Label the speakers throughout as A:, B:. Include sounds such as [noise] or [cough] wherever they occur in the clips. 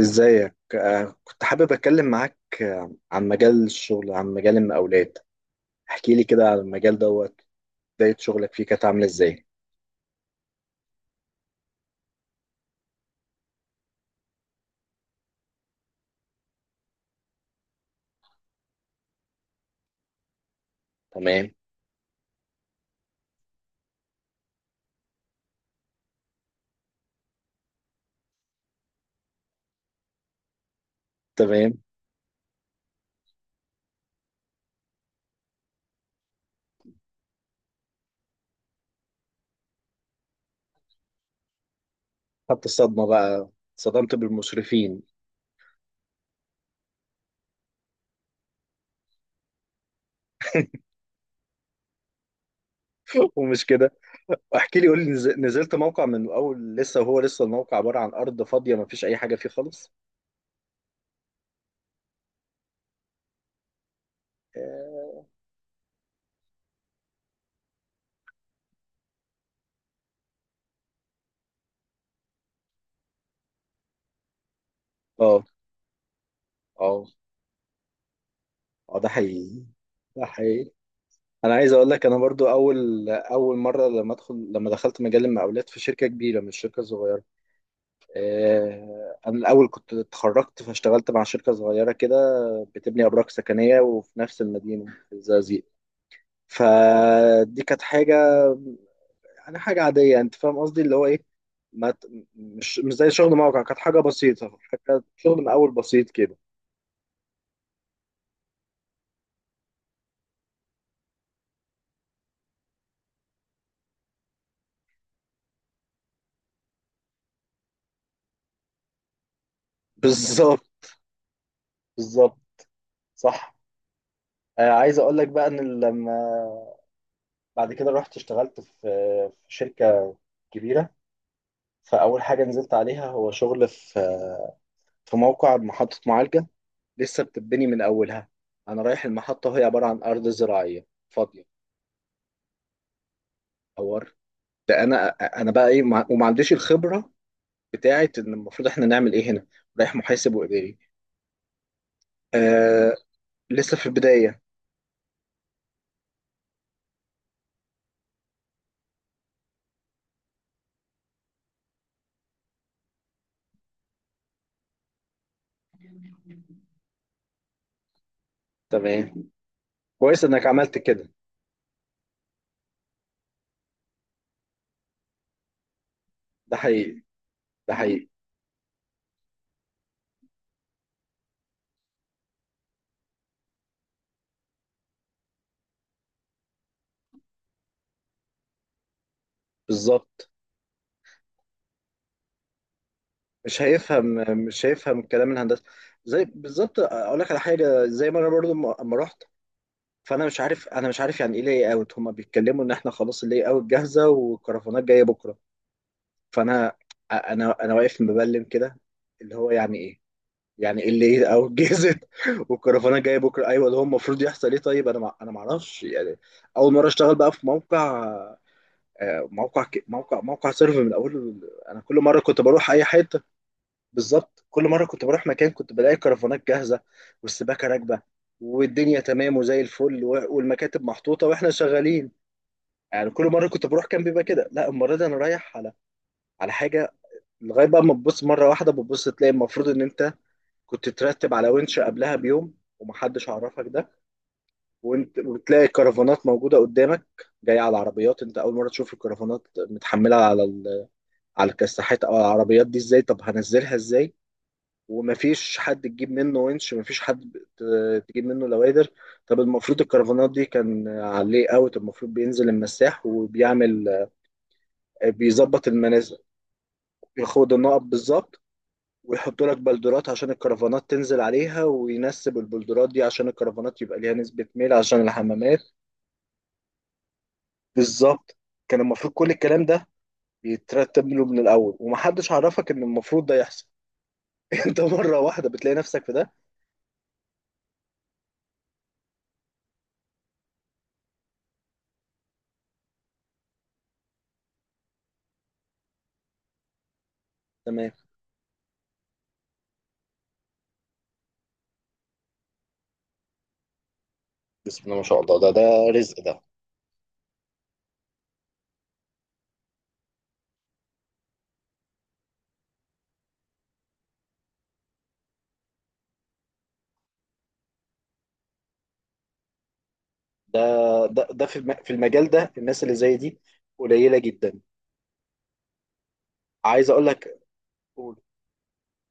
A: ازيك، كنت حابب اتكلم معاك عن مجال الشغل، عن مجال المقاولات. احكي لي كده على المجال دوت. بداية شغلك فيه كانت عاملة ازاي؟ تمام. تمام. خدت الصدمة بقى؟ صدمت بالمشرفين. [laughs] ومش كده. احكي لي، قول لي، نزلت موقع من اول، لسه هو لسه الموقع عبارة عن ارض فاضية، ما فيش اي حاجة فيه خالص؟ اه، اه، اه. آه، ده حقيقي. ده حقيقي. انا عايز اقول لك، انا برضو اول مره، لما دخلت مجال المقاولات في شركه كبيره، مش شركه صغيره. انا الاول كنت اتخرجت فاشتغلت مع شركه صغيره كده، بتبني ابراج سكنيه، وفي نفس المدينه في الزقازيق. فدي كانت حاجه، يعني حاجه عاديه. انت فاهم قصدي اللي هو ايه. ما ت- مش زي شغل موقع، كانت حاجه بسيطه. كانت شغل من اول بسيط كده. بالظبط. بالظبط. صح. عايز اقول لك بقى ان لما بعد كده رحت اشتغلت في شركه كبيره، فاول حاجه نزلت عليها هو شغل في موقع محطه معالجه لسه بتتبني من أولها. أنا رايح المحطة وهي عبارة عن أرض زراعية فاضية. أور، ده أنا، بقى إيه، وما عنديش الخبرة بتاعة إن المفروض إحنا نعمل إيه هنا؟ رايح محاسب وإداري. آه، لسه في البداية. تمام. كويس إنك عملت كده. ده حقيقي. ده حقيقي. بالظبط. مش هيفهم. مش هيفهم كلام الهندسة. زي بالظبط، أقول لك على حاجة، زي ما أنا برضو أما رحت، فأنا مش عارف أنا مش عارف يعني إيه لاي أوت، هما بيتكلموا إن إحنا خلاص اللاي أوت جاهزة والكرفانات جاية بكرة. فانا انا انا واقف مبلم كده. اللي هو يعني ايه؟ اللي ايه او الجزم. [laughs] والكرفانه جايه بكره ايوه، اللي هو المفروض يحصل ايه؟ طيب انا ما اعرفش يعني. اول مره اشتغل بقى في موقع، آه، موقع سيرف من اول. انا كل مره كنت بروح اي حته، بالظبط، كل مره كنت بروح مكان كنت بلاقي الكرفانات جاهزه، والسباكه راكبه، والدنيا تمام وزي الفل، والمكاتب محطوطه واحنا شغالين. يعني كل مره كنت بروح كان بيبقى كده. لا، المره دي انا رايح على حاجه لغايه بقى ما تبص مره واحده، بتبص تلاقي المفروض ان انت كنت ترتب على ونش قبلها بيوم ومحدش عرفك ده. وانت وتلاقي كرفانات موجوده قدامك، جايه على العربيات. انت اول مره تشوف الكرفانات على الكساحات او على العربيات دي، ازاي؟ طب هنزلها ازاي؟ ومفيش حد تجيب منه ونش، مفيش حد تجيب منه لوادر. طب المفروض الكرفانات دي كان عليه اوت، المفروض بينزل المساح وبيعمل، بيظبط المنازل، ياخد النقط بالظبط، ويحطوا لك بلدرات عشان الكرفانات تنزل عليها، وينسب البلدرات دي عشان الكرفانات يبقى ليها نسبة ميل عشان الحمامات. بالظبط. كان المفروض كل الكلام ده يترتب له من الأول، ومحدش عرفك إن المفروض ده يحصل. [laughs] أنت مرة واحدة بتلاقي نفسك في ده. تمام. بسم الله ما شاء الله، ده رزق. ده ده ده في المجال ده الناس اللي زي دي قليلة جدا. عايز أقول لك. قول.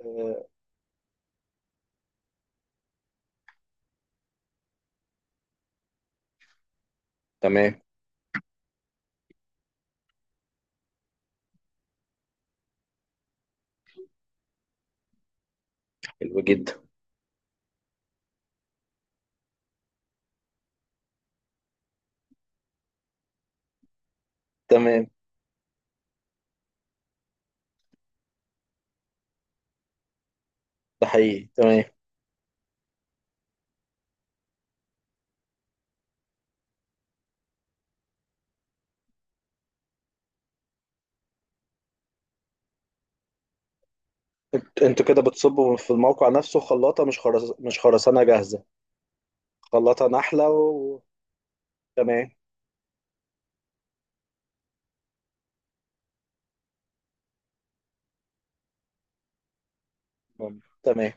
A: آه. تمام. حلو جدا. تمام. ده حقيقي. تمام. انتوا كده بتصبوا في الموقع نفسه خلاطة، مش خرسانة جاهزة؟ خلاطة نحلة و. تمام. تمام.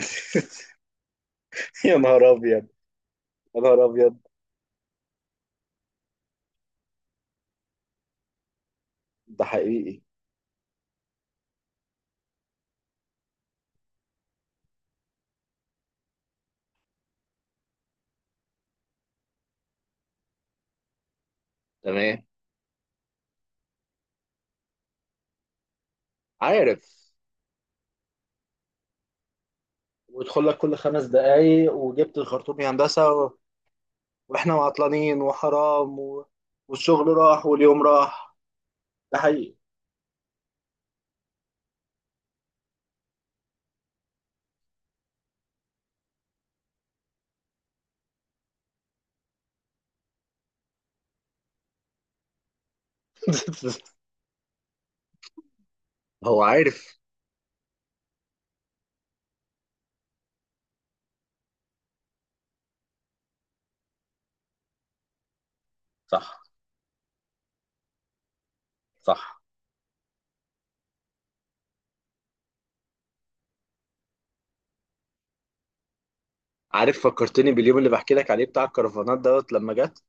A: [laughs] يا نهار أبيض. يا نهار أبيض. ده حقيقي. تمام. عارف، ويدخل لك كل 5 دقايق، وجبت الخرطوم يا هندسة و. واحنا وعطلانين وحرام و. والشغل راح واليوم راح. ده حقيقي. [laughs] هو عارف. صح. صح. عارف، فكرتني باليوم اللي بحكي لك عليه بتاع الكرفانات دوت لما جت.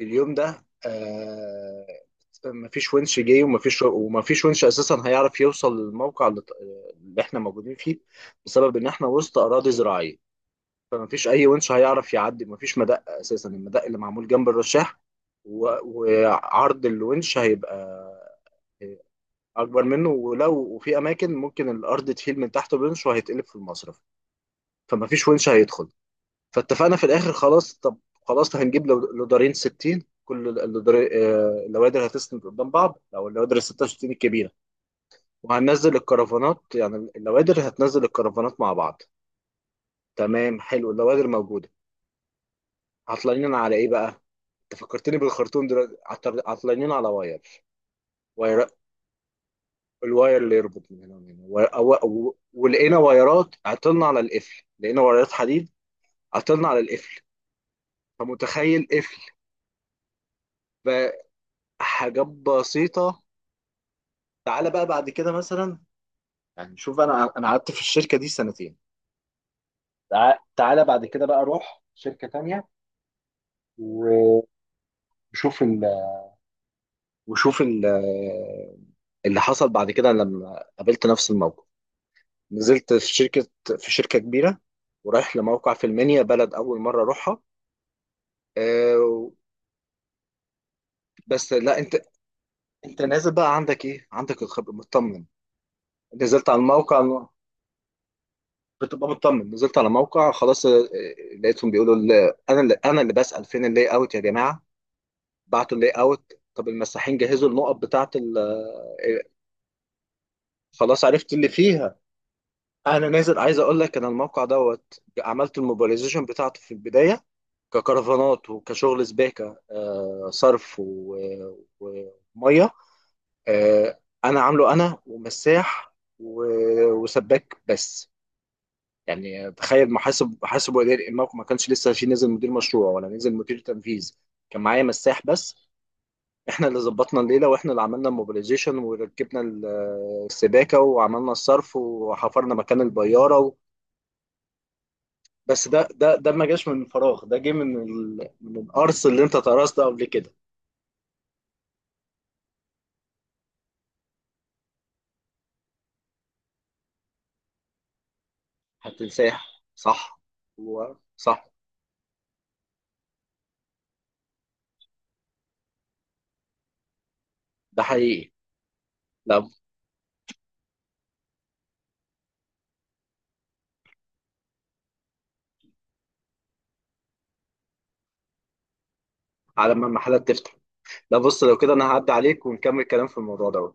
A: اليوم ده، مفيش ونش جاي، ومفيش ونش اساسا هيعرف يوصل للموقع اللي احنا موجودين فيه، بسبب ان احنا وسط اراضي زراعيه. فمفيش اي ونش هيعرف يعدي، مفيش مدق اساسا، المدق اللي معمول جنب الرشاح وعرض الونش هيبقى، آه، اكبر منه، ولو وفي اماكن ممكن الارض تهيل من تحت بونش وهيتقلب في المصرف. فمفيش ونش هيدخل. فاتفقنا في الاخر خلاص. طب خلاص هنجيب لودارين 60، كل ال- اللودار- آه، اللوادر هتسند قدام بعض، او اللوادر ال 66 الكبيره، وهننزل الكرفانات. يعني اللوادر هتنزل الكرفانات مع بعض. تمام. حلو، اللوادر موجوده. عطلانين على ايه بقى؟ انت فكرتني بالخرطوم دلوقتي. عطلانين على واير. واير، الواير اللي يربط من هنا ومن هنا، ولقينا وايرات. عطلنا على القفل. لقينا وايرات حديد. عطلنا على القفل. فمتخيل، قفل بحاجات بسيطه. تعالى بقى بعد كده مثلا. يعني شوف، انا قعدت في الشركه دي سنتين. تعالى بعد كده بقى، روح شركه تانية، وشوف ال... وشوف ال... اللي حصل بعد كده لما قابلت نفس الموقف. نزلت في شركه كبيره. ورايح لموقع في المنيا، بلد اول مره اروحها. آه. بس لا، انت نازل بقى، عندك ايه؟ عندك الخبره، مطمن. نزلت على الموقع، بتبقى مطمن. نزلت على موقع خلاص، لقيتهم بيقولوا انا، اللي بسأل فين اللي اوت يا جماعه؟ بعتوا اللاي اوت؟ طب المساحين جهزوا النقط بتاعه ال. خلاص عرفت اللي فيها. انا نازل، عايز اقول لك، انا الموقع دوت عملت الموبيلايزيشن بتاعته في البدايه، ككرفانات وكشغل سباكه، صرف وميه. آه، انا عامله انا ومساح وسباك بس. يعني تخيل، محاسب واداري الموقع ما كانش لسه فيه. نزل مدير مشروع ولا نزل مدير تنفيذ؟ كان معايا مساح بس. احنا اللي ظبطنا الليله، واحنا اللي عملنا الموبيلايزيشن وركبنا السباكه، وعملنا الصرف، وحفرنا مكان البياره و. بس ده ما جاش من فراغ. ده جه من من القرص اللي انت درسته قبل كده. هتنساه. صح. هو صح. ده حقيقي. لا. على ما المحلات تفتح. لا بص، لو كده انا هعدي عليك ونكمل كلام في الموضوع ده.